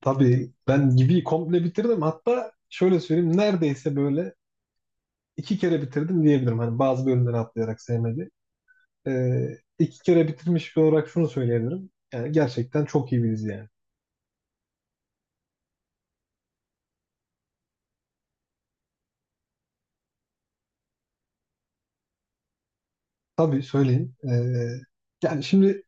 Tabii ben gibi komple bitirdim. Hatta şöyle söyleyeyim, neredeyse böyle iki kere bitirdim diyebilirim. Hani bazı bölümleri atlayarak sevmedi. İki kere bitirmiş bir olarak şunu söyleyebilirim. Yani gerçekten çok iyi bir dizi yani. Tabii söyleyeyim. Yani şimdi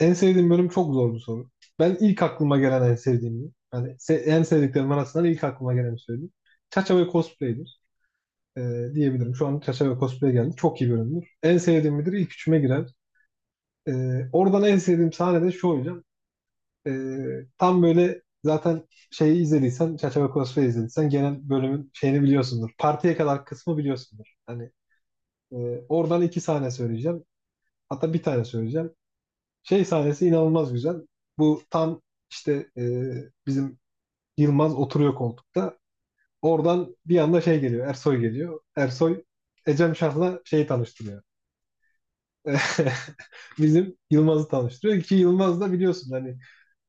en sevdiğim bölüm çok zor bir soru. Ben ilk aklıma gelen en sevdiğimi, en sevdiklerim arasından ilk aklıma geleni söyleyeyim. Çaça ve Cosplay'dir ee, diyebilirim. Şu an Çaça ve Cosplay geldi. Çok iyi bölümdür. En sevdiğim midir? İlk üçüme girer. Oradan en sevdiğim sahne de şu hocam. Tam böyle zaten şeyi izlediysen, Çerçeve Crossfire izlediysen genel bölümün şeyini biliyorsundur. Partiye kadar kısmı biliyorsundur. E, Oradan iki sahne söyleyeceğim. Hatta bir tane söyleyeceğim. Şey sahnesi inanılmaz güzel. Bu tam işte e, bizim Yılmaz oturuyor koltukta. Oradan bir anda şey geliyor, Ersoy geliyor. Ersoy Ecem Şah'la şeyi tanıştırıyor. Bizim Yılmaz'ı tanıştırıyor ki Yılmaz da biliyorsun hani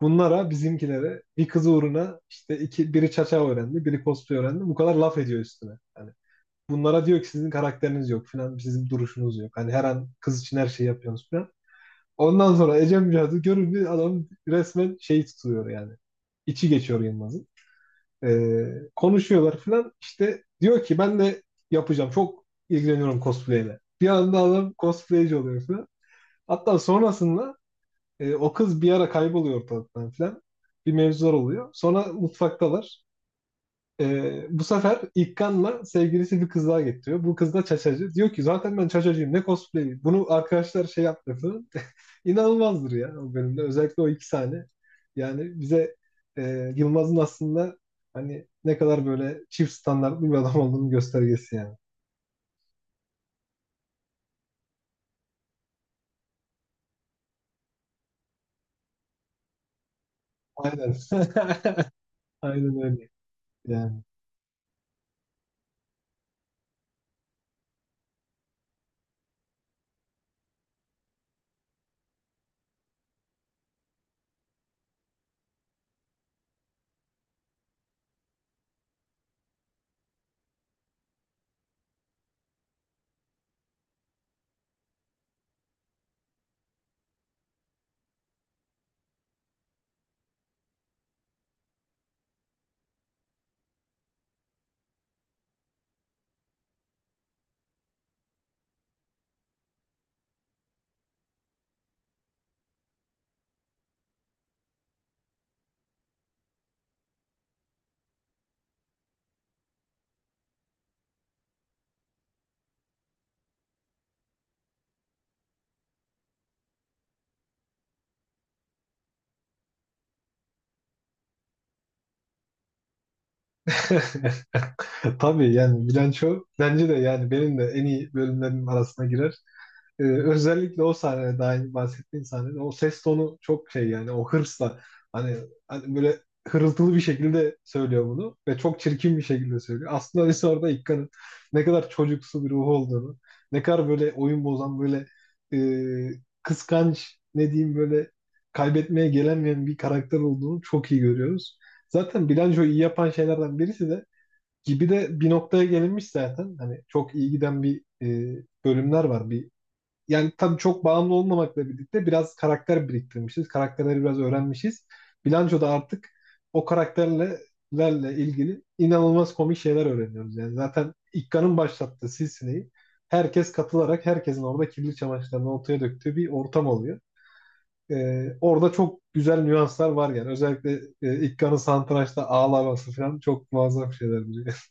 bunlara bizimkilere bir kız uğruna işte iki, biri çaça öğrendi biri cosplay öğrendi bu kadar laf ediyor üstüne. Hani bunlara diyor ki sizin karakteriniz yok falan, sizin duruşunuz yok. Hani her an kız için her şeyi yapıyorsunuz falan. Ondan sonra Ecem Cadı görünce adam resmen şey tutuyor yani. İçi geçiyor Yılmaz'ın. Ee, Konuşuyorlar falan, işte diyor ki ben de yapacağım, çok ilgileniyorum cosplay ile. Bir anda adam cosplayci oluyor falan. Hatta sonrasında o kız bir ara kayboluyor ortalıktan falan. Bir mevzular oluyor. Sonra mutfaktalar. E, bu sefer İkkanla sevgilisi bir kız daha getiriyor. Bu kız da çaçacı. Diyor ki zaten ben çaçacıyım, ne cosplay. Bunu arkadaşlar şey yaptı falan. İnanılmazdır ya o bölümde. Özellikle o iki sahne. Yani bize Yılmaz'ın aslında hani ne kadar böyle çift standartlı bir adam olduğunu göstergesi yani. Aynen. Aynen öyle. Yani tabii yani bilanço bence de yani benim de en iyi bölümlerim arasına girer. Özellikle o sahnede, daha önce bahsettiğim sahnede, o ses tonu çok şey yani, o hırsla hani, hani böyle hırıltılı bir şekilde söylüyor bunu ve çok çirkin bir şekilde söylüyor. Aslında biz orada İkka'nın ne kadar çocuksu bir ruhu olduğunu, ne kadar böyle oyun bozan böyle kıskanç, ne diyeyim, böyle kaybetmeye gelemeyen bir karakter olduğunu çok iyi görüyoruz. Zaten bilançoyu iyi yapan şeylerden birisi de gibi de bir noktaya gelinmiş zaten. Hani çok iyi giden bölümler var. Bir, yani tabii çok bağımlı olmamakla birlikte biraz karakter biriktirmişiz. Karakterleri biraz öğrenmişiz. Bilançoda artık o karakterlerle ilgili inanılmaz komik şeyler öğreniyoruz. Yani zaten İkka'nın başlattığı silsileyi herkes katılarak herkesin orada kirli çamaşırlarını ortaya döktüğü bir ortam oluyor. E, orada çok güzel nüanslar var yani. Özellikle İkka'nın satrançta ağlaması falan çok muazzam şeyler. Biliyor.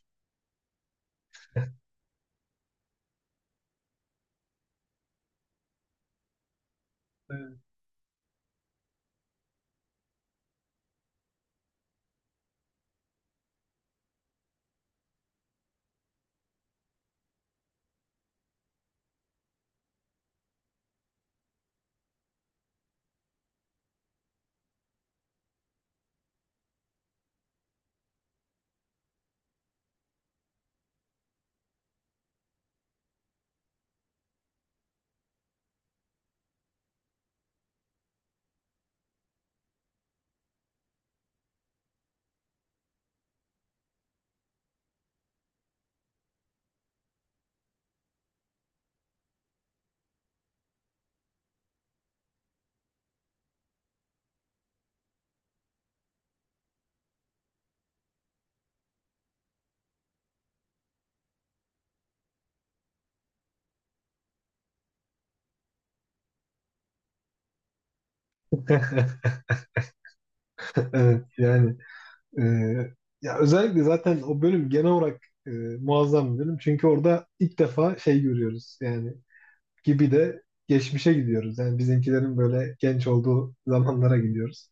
Evet yani e, ya özellikle zaten o bölüm genel olarak e, muazzam bir bölüm. Çünkü orada ilk defa şey görüyoruz yani gibi de geçmişe gidiyoruz. Yani bizimkilerin böyle genç olduğu zamanlara gidiyoruz.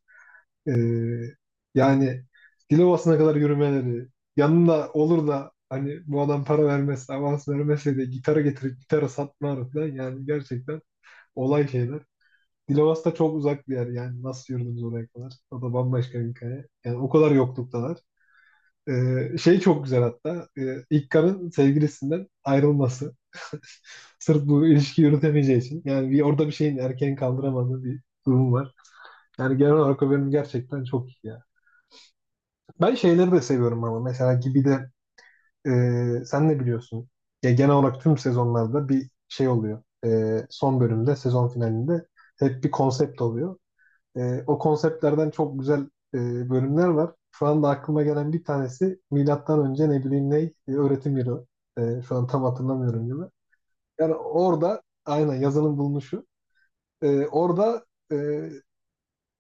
E, Yani Dilovası'na kadar yürümeleri yanında olur da hani bu adam para vermezse, avans vermezse de gitarı getirip gitarı satmaları falan, yani gerçekten olay şeyler. Dilovası da çok uzak bir yer yani, nasıl yürüdünüz oraya kadar? O da bambaşka bir hikaye. Yani o kadar yokluktalar. Şey çok güzel hatta. İlk karın sevgilisinden ayrılması. Sırf bu ilişki yürütemeyeceği için. Yani bir, orada bir şeyin, erkeğin kaldıramadığı bir durum var. Yani genel olarak o bölüm gerçekten çok iyi ya. Ben şeyleri de seviyorum ama. Mesela gibi de sen ne biliyorsun? Ya genel olarak tüm sezonlarda bir şey oluyor. E, son bölümde, sezon finalinde hep bir konsept oluyor. E, o konseptlerden çok güzel bölümler var. Şu anda aklıma gelen bir tanesi milattan önce, ne bileyim, öğretim yılı. E, şu an tam hatırlamıyorum gibi. Yani orada aynen yazının bulunuşu. Orada e,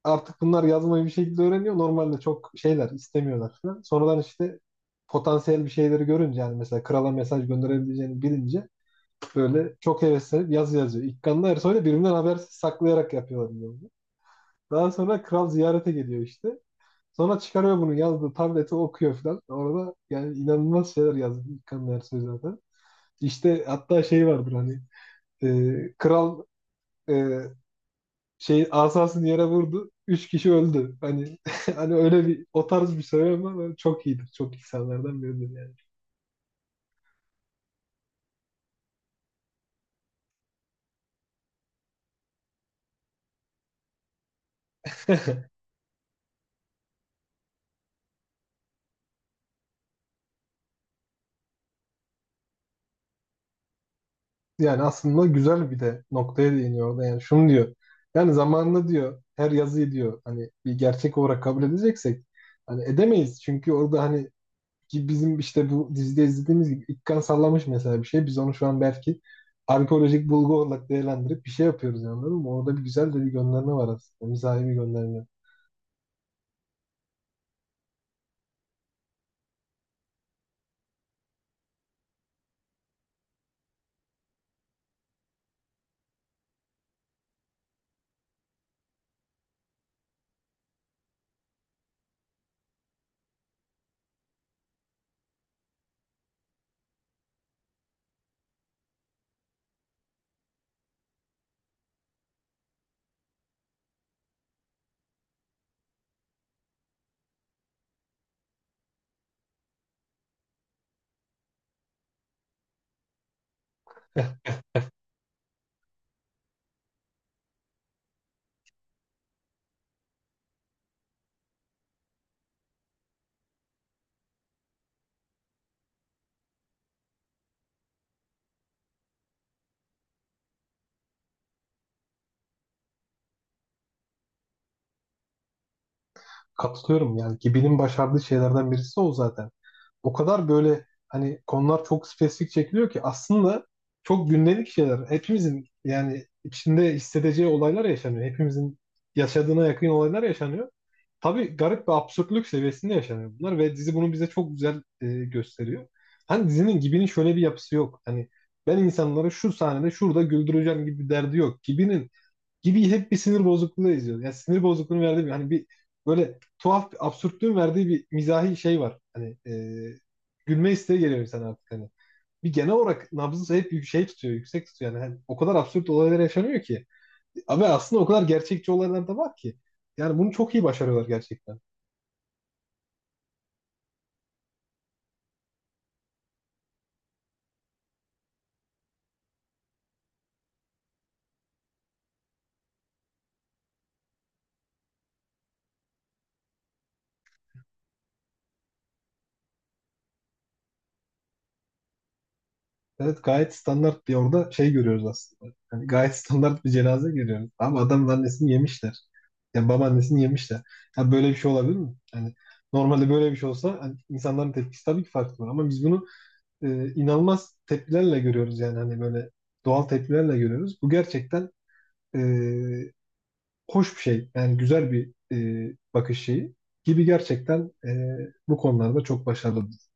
artık bunlar yazmayı bir şekilde öğreniyor. Normalde çok şeyler istemiyorlar falan. Sonradan işte potansiyel bir şeyleri görünce, yani mesela krala mesaj gönderebileceğini bilince böyle çok heveslenip yazı yazıyor. İlkanlı Ersoy'la birbirinden habersiz saklayarak yapıyorlar bunu. Daha sonra kral ziyarete geliyor işte. Sonra çıkarıyor bunu, yazdığı tableti okuyor falan. Orada yani inanılmaz şeyler yazdı İlkan Ersoy zaten. İşte hatta şey vardır, hani kral e, şey asasını yere vurdu, üç kişi öldü. Hani hani öyle bir, o tarz bir söylem var. Ama çok iyidir. Çok insanlardan biridir yani. Yani aslında güzel bir de noktaya değiniyor orada. Yani şunu diyor. Yani zamanında diyor her yazıyı diyor hani bir gerçek olarak kabul edeceksek hani edemeyiz. Çünkü orada hani, ki bizim işte bu dizide izlediğimiz gibi ilk kan sallamış mesela bir şey. Biz onu şu an belki arkeolojik bulgu olarak değerlendirip bir şey yapıyoruz yani, anladın mı? Orada bir güzel de bir gönderme var aslında. Mizahi bir gönderme. Katılıyorum yani ki benim başardığı şeylerden birisi o zaten. O kadar böyle hani konular çok spesifik çekiliyor ki aslında çok gündelik şeyler. Hepimizin yani içinde hissedeceği olaylar yaşanıyor. Hepimizin yaşadığına yakın olaylar yaşanıyor. Tabii garip bir absürtlük seviyesinde yaşanıyor bunlar ve dizi bunu bize çok güzel gösteriyor. Hani dizinin Gibi'nin şöyle bir yapısı yok. Hani ben insanları şu sahnede şurada güldüreceğim gibi bir derdi yok. Gibi hep bir sinir bozukluğu izliyor. Yani sinir bozukluğunu verdiği bir, hani bir böyle tuhaf bir absürtlüğün verdiği bir mizahi şey var. Gülme isteği geliyor insana artık hani. Bir genel olarak nabzı hep şey tutuyor, yüksek tutuyor. Yani hani o kadar absürt olaylar yaşanıyor ki. Ve aslında o kadar gerçekçi olaylar da var ki. Yani bunu çok iyi başarıyorlar gerçekten. Evet, gayet standart bir orada şey görüyoruz aslında. Yani gayet standart bir cenaze görüyoruz. Ama adamın annesini yemişler. Yani babaannesini yemişler. Ya böyle bir şey olabilir mi? Yani normalde böyle bir şey olsa hani insanların tepkisi tabii ki farklı olur. Ama biz bunu inanılmaz tepkilerle görüyoruz yani, hani böyle doğal tepkilerle görüyoruz. Bu gerçekten e, hoş bir şey. Yani güzel bir bakış şeyi gibi gerçekten bu konularda çok başarılı.